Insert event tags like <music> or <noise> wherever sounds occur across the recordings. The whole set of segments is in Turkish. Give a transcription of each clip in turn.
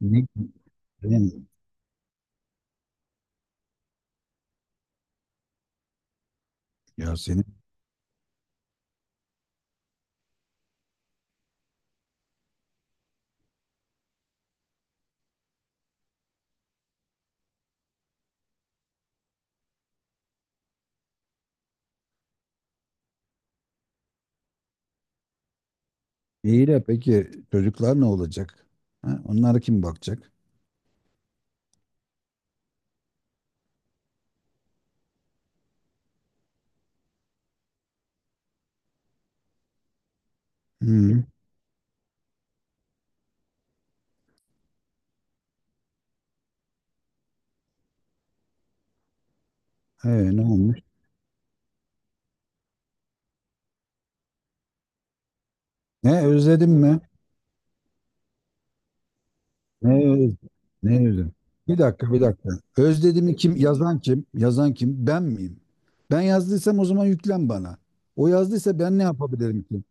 Ne? Bilemiyorum. Ya senin. İyi de peki çocuklar ne olacak? Ha, onlara kim bakacak? Hı. Ne olmuş? Ne özledim mi? Ne öz- Ne özledim? Bir dakika bir dakika. Özledim'i kim? Yazan kim? Yazan kim? Ben miyim? Ben yazdıysam o zaman yüklen bana. O yazdıysa ben ne yapabilirim ki?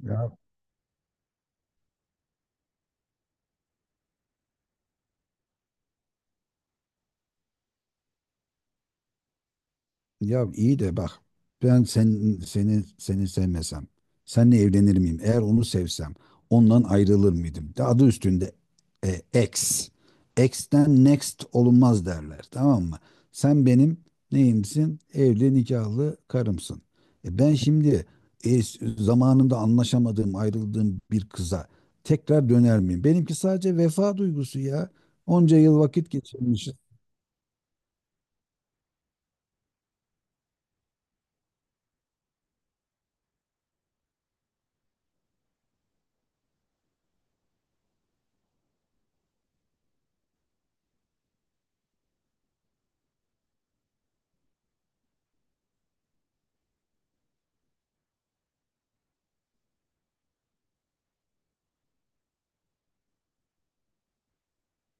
Ya Ya iyi de bak, ben seni sevmesem seninle evlenir miyim? Eğer onu sevsem ondan ayrılır mıydım? De adı üstünde, ex. Ex'ten next olunmaz derler, tamam mı? Sen benim neyimsin? Evli nikahlı karımsın. Ben şimdi zamanında anlaşamadığım, ayrıldığım bir kıza tekrar döner miyim? Benimki sadece vefa duygusu ya. Onca yıl vakit geçirmişiz.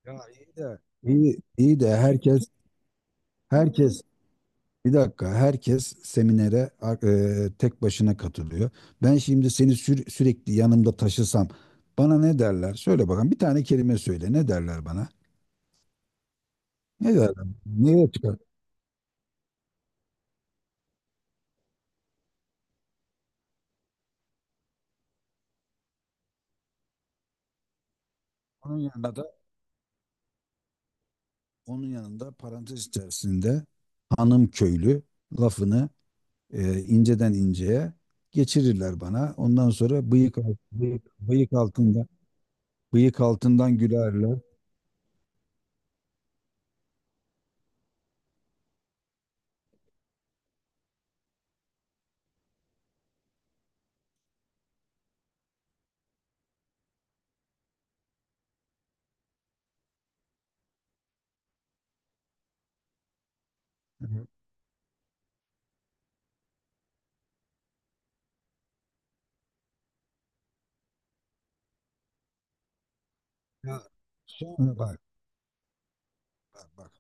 Ya iyi de iyi de herkes. Herkes Bir dakika, herkes seminere tek başına katılıyor. Ben şimdi seni sürekli yanımda taşısam bana ne derler? Söyle bakalım, bir tane kelime söyle, ne derler bana? Ne derler? Neye çıkar? Onun yanında da Onun yanında, parantez içerisinde, hanım köylü lafını inceden inceye geçirirler bana. Ondan sonra bıyık altında. Bıyık altından gülerler. Ya sonra bak, bak, bak.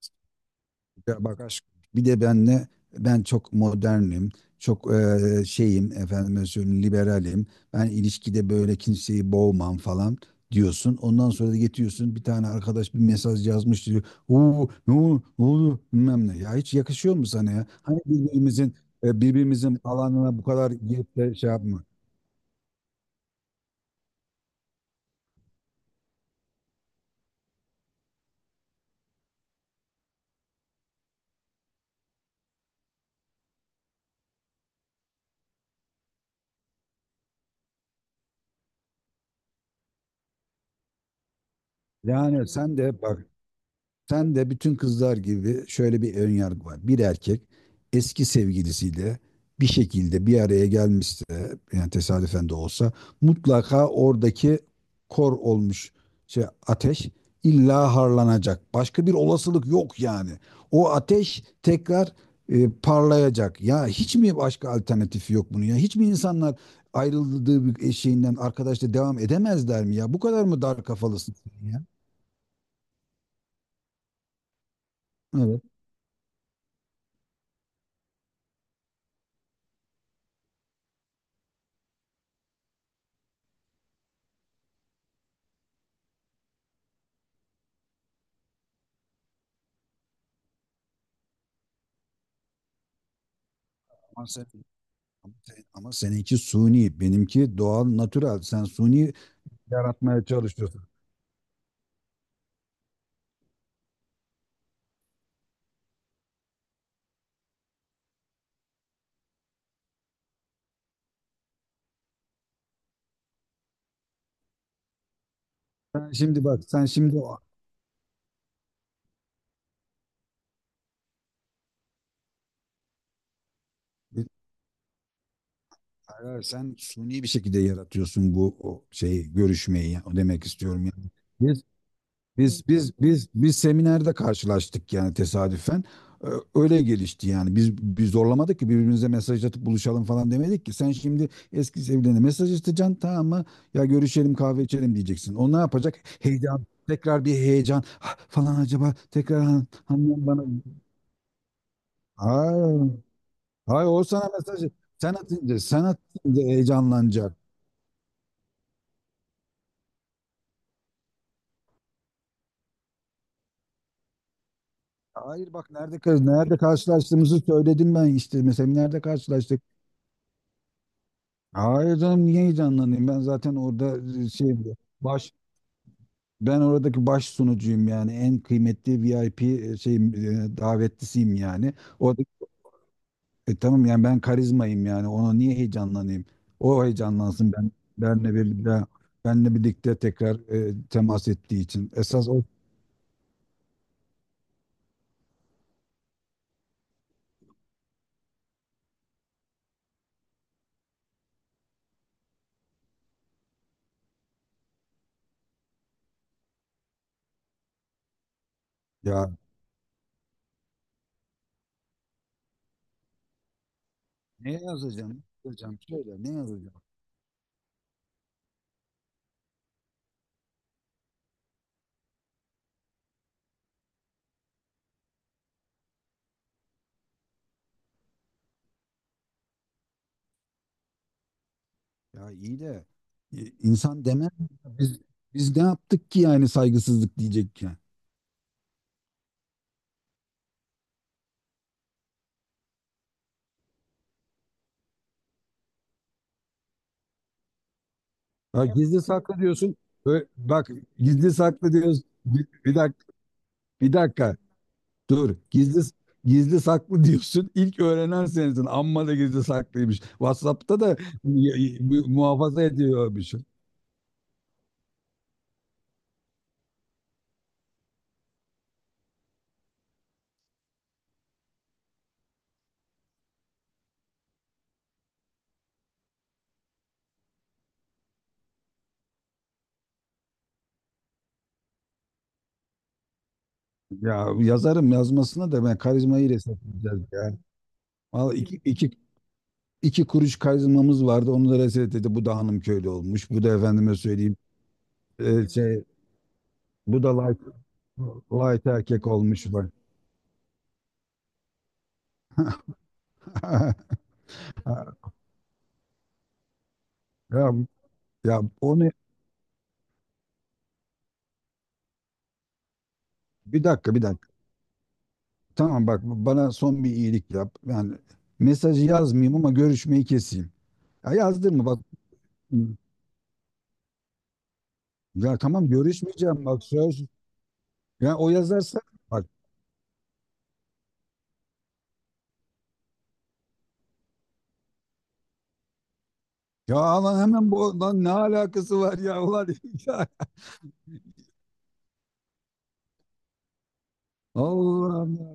Ya bak, aşk bir de benle ben çok modernim, çok şeyim, efendim söyleyeyim, liberalim. Ben ilişkide böyle kimseyi boğmam falan diyorsun. Ondan sonra da getiriyorsun, bir tane arkadaş bir mesaj yazmış diyor. Oo, ne oldu, ne oldu, bilmem ne. Ya hiç yakışıyor mu sana ya? Hani birbirimizin, birbirimizin alanına bu kadar girip de şey yapma. Yani sen de bak. Sen de bütün kızlar gibi, şöyle bir ön yargı var. Bir erkek eski sevgilisiyle bir şekilde bir araya gelmişse, yani tesadüfen de olsa, mutlaka oradaki kor olmuş şey, ateş, illa harlanacak. Başka bir olasılık yok yani. O ateş tekrar parlayacak. Ya hiç mi başka alternatifi yok bunun ya? Hiç mi insanlar ayrıldığı bir şeyinden arkadaşla devam edemezler mi ya? Bu kadar mı dar kafalısın sen ya? Evet. Maalesef. Ama seninki suni, benimki doğal, natürel. Sen suni yaratmaya çalışıyorsun. Sen şimdi bak, sen şimdi o- bir- hayır, hayır, sen suni bir şekilde yaratıyorsun bu o şeyi, görüşmeyi. O demek istiyorum yani. Biz seminerde karşılaştık yani, tesadüfen. Ee, Öyle gelişti yani. Biz zorlamadık ki, birbirimize mesaj atıp buluşalım falan demedik ki. Sen şimdi eski sevgiline mesaj atacaksın, tamam mı? Ya görüşelim kahve içelim diyeceksin. O ne yapacak? Heyecan. Tekrar bir heyecan, "Ah, falan, acaba tekrar hanım bana." Hayır. Hayır, o sana mesaj sen atınca heyecanlanacak. Hayır bak, nerede kız, nerede karşılaştığımızı söyledim ben işte, mesela nerede karşılaştık. Hayır canım, niye heyecanlanayım? Ben zaten orada şey, baş ben oradaki baş sunucuyum yani, en kıymetli VIP şey davetlisiyim yani. Orada, tamam yani ben karizmayım yani, ona niye heyecanlanayım? O heyecanlansın, benle birlikte benle birlikte tekrar temas ettiği için. Esas o. Ya, ne yazacağım? Ne yazacağım? Şöyle ne yazacağım? Ya iyi de insan demez mi? biz biz ne yaptık ki, yani saygısızlık diyecek ya. Ya gizli saklı diyorsun. Bak, gizli saklı diyorsun. Bir dakika bir dakika dur. Gizli saklı diyorsun. İlk öğrenen sensin. Amma da gizli saklıymış. WhatsApp'ta da muhafaza ediyormuş. Ya yazarım yazmasına da, ben karizmayı resetleyeceğiz ya. Vallahi iki kuruş karizmamız vardı. Onu da reset. Bu da hanım köylü olmuş. Bu da efendime söyleyeyim. Şey, bu da light, erkek olmuş bak. <laughs> Ya, Ya onu bir dakika bir dakika. Tamam bak, bana son bir iyilik yap. Yani mesajı yazmayayım ama görüşmeyi keseyim. Ya yazdın mı bak. Ya tamam, görüşmeyeceğim, bak, söz. Ya o yazarsa bak. Ya lan, hemen bu lan ne alakası var ya, ulan <laughs> ya. Allah'ım ya.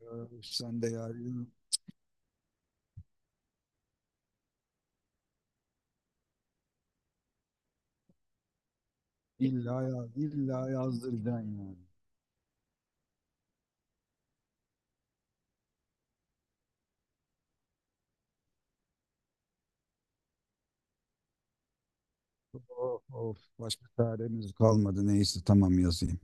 Ya, sen de ya, illa yazdıracaksın yani. Of, of, başka çaremiz kalmadı. Neyse, tamam, yazayım.